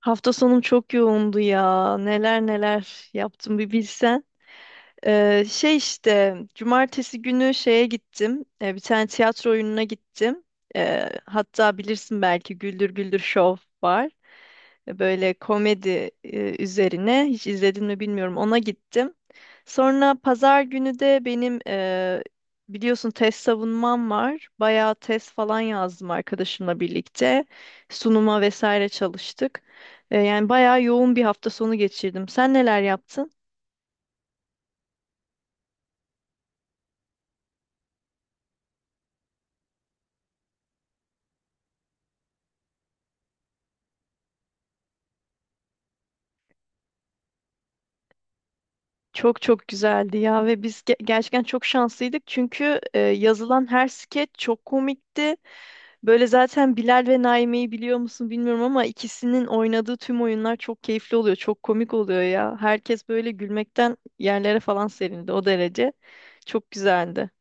Hafta sonum çok yoğundu ya. Neler neler yaptım bir bilsen. Şey işte cumartesi günü şeye gittim. Bir tane tiyatro oyununa gittim. Hatta bilirsin belki Güldür Güldür Show var böyle komedi üzerine. Hiç izledin mi bilmiyorum. Ona gittim. Sonra pazar günü de benim biliyorsun test savunmam var. Bayağı test falan yazdım arkadaşımla birlikte. Sunuma vesaire çalıştık. Yani bayağı yoğun bir hafta sonu geçirdim. Sen neler yaptın? Çok çok güzeldi ya ve biz gerçekten çok şanslıydık çünkü yazılan her skeç çok komikti. Böyle zaten Bilal ve Naime'yi biliyor musun bilmiyorum ama ikisinin oynadığı tüm oyunlar çok keyifli oluyor. Çok komik oluyor ya. Herkes böyle gülmekten yerlere falan serildi o derece. Çok güzeldi.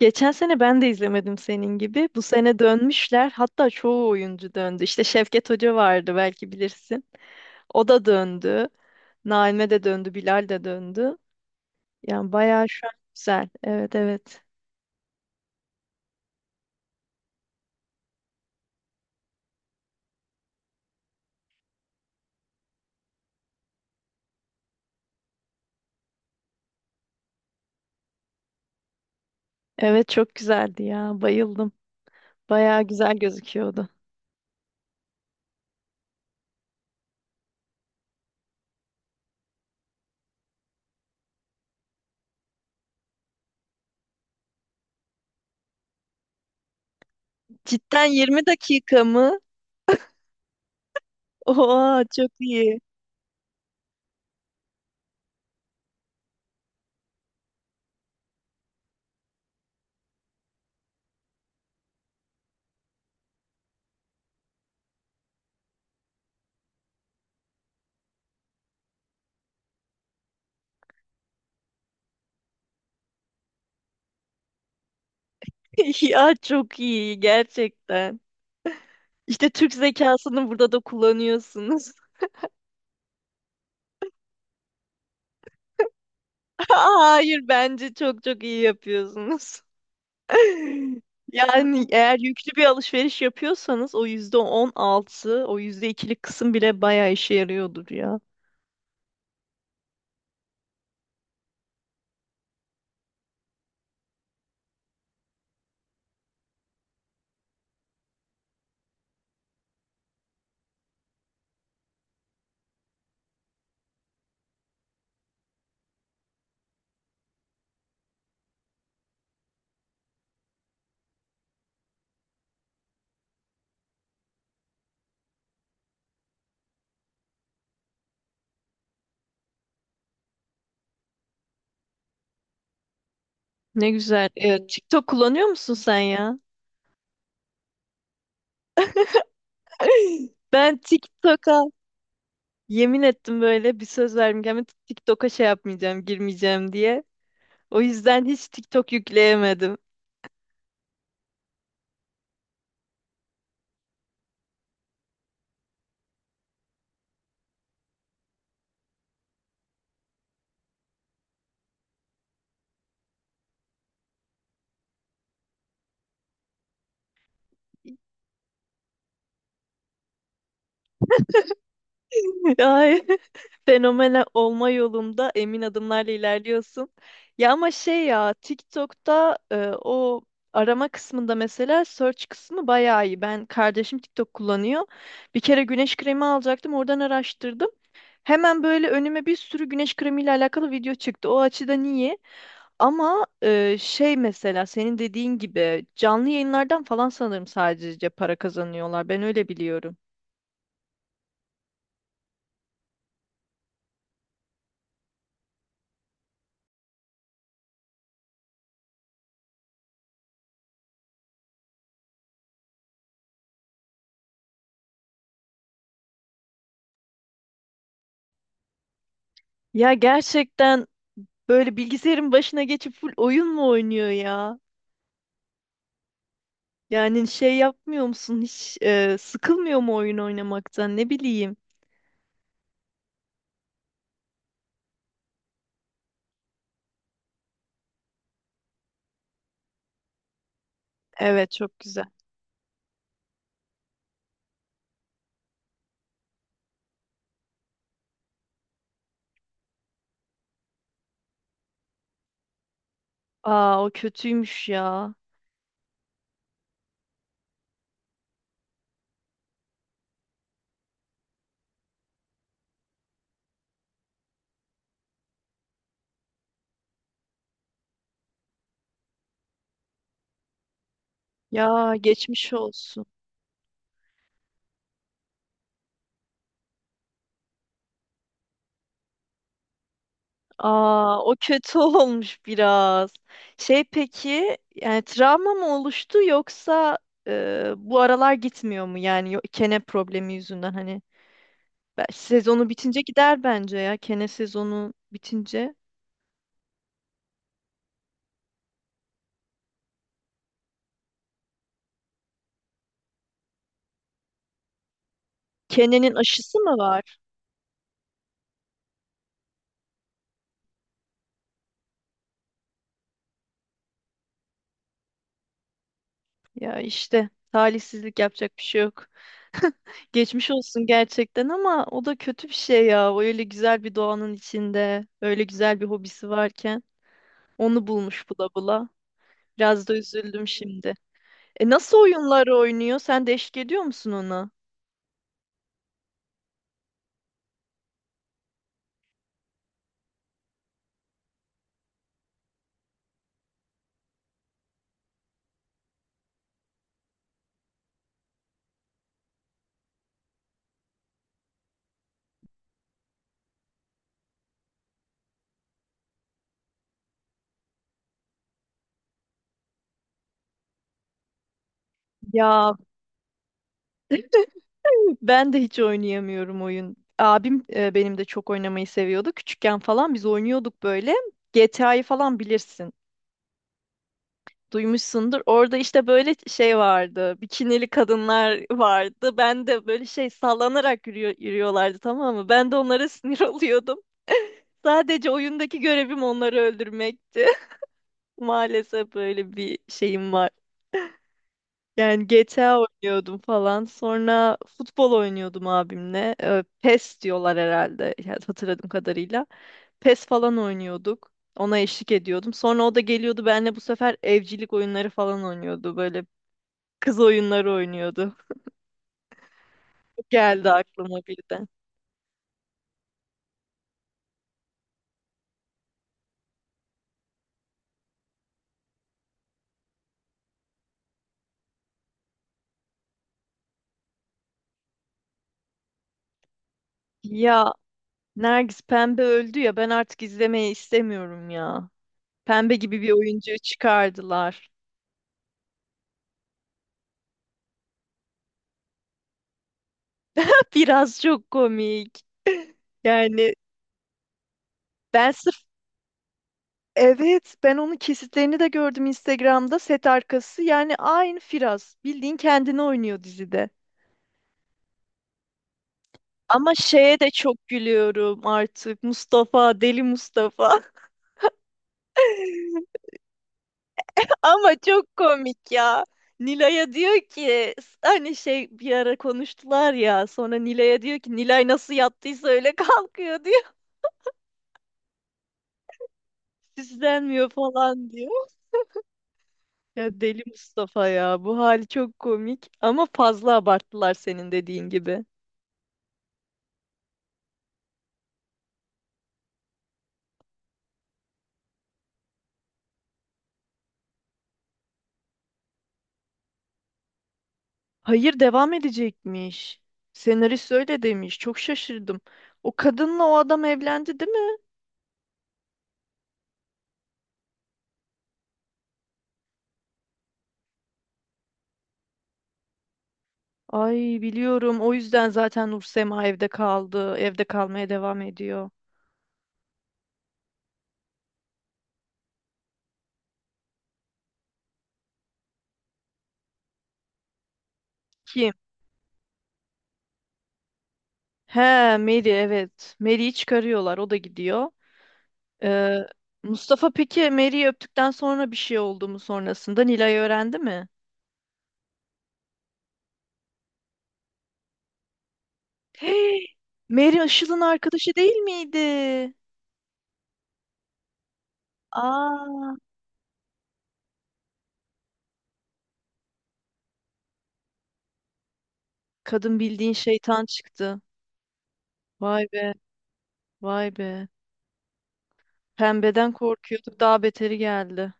Geçen sene ben de izlemedim senin gibi. Bu sene dönmüşler. Hatta çoğu oyuncu döndü. İşte Şevket Hoca vardı belki bilirsin. O da döndü. Naime de döndü. Bilal de döndü. Yani bayağı şu an güzel. Evet, evet. Evet, çok güzeldi ya. Bayıldım. Bayağı güzel gözüküyordu. Cidden 20 dakika mı? Oha, çok iyi. Ya çok iyi gerçekten. İşte Türk zekasını burada da kullanıyorsunuz. Hayır, bence çok çok iyi yapıyorsunuz. Yani eğer yüklü bir alışveriş yapıyorsanız o yüzde 16, o yüzde ikilik kısım bile bayağı işe yarıyordur ya. Ne güzel. TikTok kullanıyor musun sen ya? Ben TikTok'a yemin ettim, böyle bir söz verdim. Ama TikTok'a şey yapmayacağım, girmeyeceğim diye. O yüzden hiç TikTok yükleyemedim. Ay, fenomen olma yolunda emin adımlarla ilerliyorsun. Ya ama şey ya, TikTok'ta o arama kısmında, mesela search kısmı bayağı iyi. Ben kardeşim TikTok kullanıyor. Bir kere güneş kremi alacaktım, oradan araştırdım. Hemen böyle önüme bir sürü güneş kremiyle alakalı video çıktı. O açıdan iyi. Ama şey, mesela senin dediğin gibi canlı yayınlardan falan sanırım sadece para kazanıyorlar. Ben öyle biliyorum. Ya gerçekten böyle bilgisayarın başına geçip full oyun mu oynuyor ya? Yani şey yapmıyor musun? Hiç sıkılmıyor mu oyun oynamaktan? Ne bileyim. Evet, çok güzel. Aa, o kötüymüş ya. Ya geçmiş olsun. Aa, o kötü olmuş biraz. Şey peki, yani travma mı oluştu, yoksa bu aralar gitmiyor mu? Yani kene problemi yüzünden, hani sezonu bitince gider bence ya. Kene sezonu bitince. Kenenin aşısı mı var? Ya işte, talihsizlik, yapacak bir şey yok. Geçmiş olsun gerçekten ama o da kötü bir şey ya. O öyle güzel bir doğanın içinde, öyle güzel bir hobisi varken onu bulmuş bula bula. Biraz da üzüldüm şimdi. Nasıl oyunlar oynuyor? Sen de eşlik ediyor musun ona? Ya ben de hiç oynayamıyorum oyun. Abim benim de çok oynamayı seviyordu. Küçükken falan biz oynuyorduk böyle. GTA'yı falan bilirsin. Duymuşsundur. Orada işte böyle şey vardı. Bikinili kadınlar vardı. Ben de böyle şey sallanarak yürüyorlardı, tamam mı? Ben de onlara sinir oluyordum. Sadece oyundaki görevim onları öldürmekti. Maalesef böyle bir şeyim var. Yani GTA oynuyordum falan. Sonra futbol oynuyordum abimle. PES diyorlar herhalde, yani hatırladığım kadarıyla. PES falan oynuyorduk. Ona eşlik ediyordum. Sonra o da geliyordu benimle, bu sefer evcilik oyunları falan oynuyordu. Böyle kız oyunları oynuyordu. Geldi aklıma birden. Ya Nergis, Pembe öldü ya, ben artık izlemeyi istemiyorum ya. Pembe gibi bir oyuncu çıkardılar. Biraz çok komik. Yani ben sırf evet, ben onun kesitlerini de gördüm Instagram'da, set arkası. Yani aynı Firaz. Bildiğin kendini oynuyor dizide. Ama şeye de çok gülüyorum artık. Mustafa, deli Mustafa. Ama çok komik ya. Nilay'a diyor ki, hani şey bir ara konuştular ya, sonra Nilay'a diyor ki, Nilay nasıl yattıysa öyle kalkıyor diyor. Süslenmiyor falan diyor. Ya deli Mustafa ya, bu hali çok komik ama fazla abarttılar, senin dediğin gibi. Hayır, devam edecekmiş. Senarist öyle demiş. Çok şaşırdım. O kadınla o adam evlendi değil mi? Ay, biliyorum. O yüzden zaten Nursema evde kaldı. Evde kalmaya devam ediyor. Kim? He, Mary, evet. Mary'yi çıkarıyorlar. O da gidiyor. Ee, Mustafa peki Mary'yi öptükten sonra bir şey oldu mu sonrasında? Nilay öğrendi mi? Hey! Mary Işıl'ın arkadaşı değil miydi? Aa, kadın bildiğin şeytan çıktı. Vay be, vay be. Pembeden korkuyorduk. Daha beteri geldi.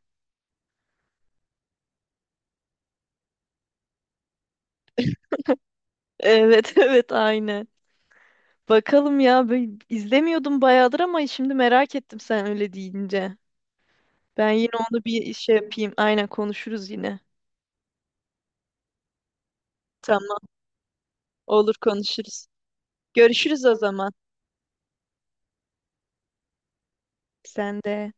Evet, evet, aynen. Bakalım ya, ben izlemiyordum bayağıdır ama şimdi merak ettim sen öyle deyince. Ben yine onu bir şey yapayım. Aynen, konuşuruz yine. Tamam, olur, konuşuruz. Görüşürüz o zaman. Sen de.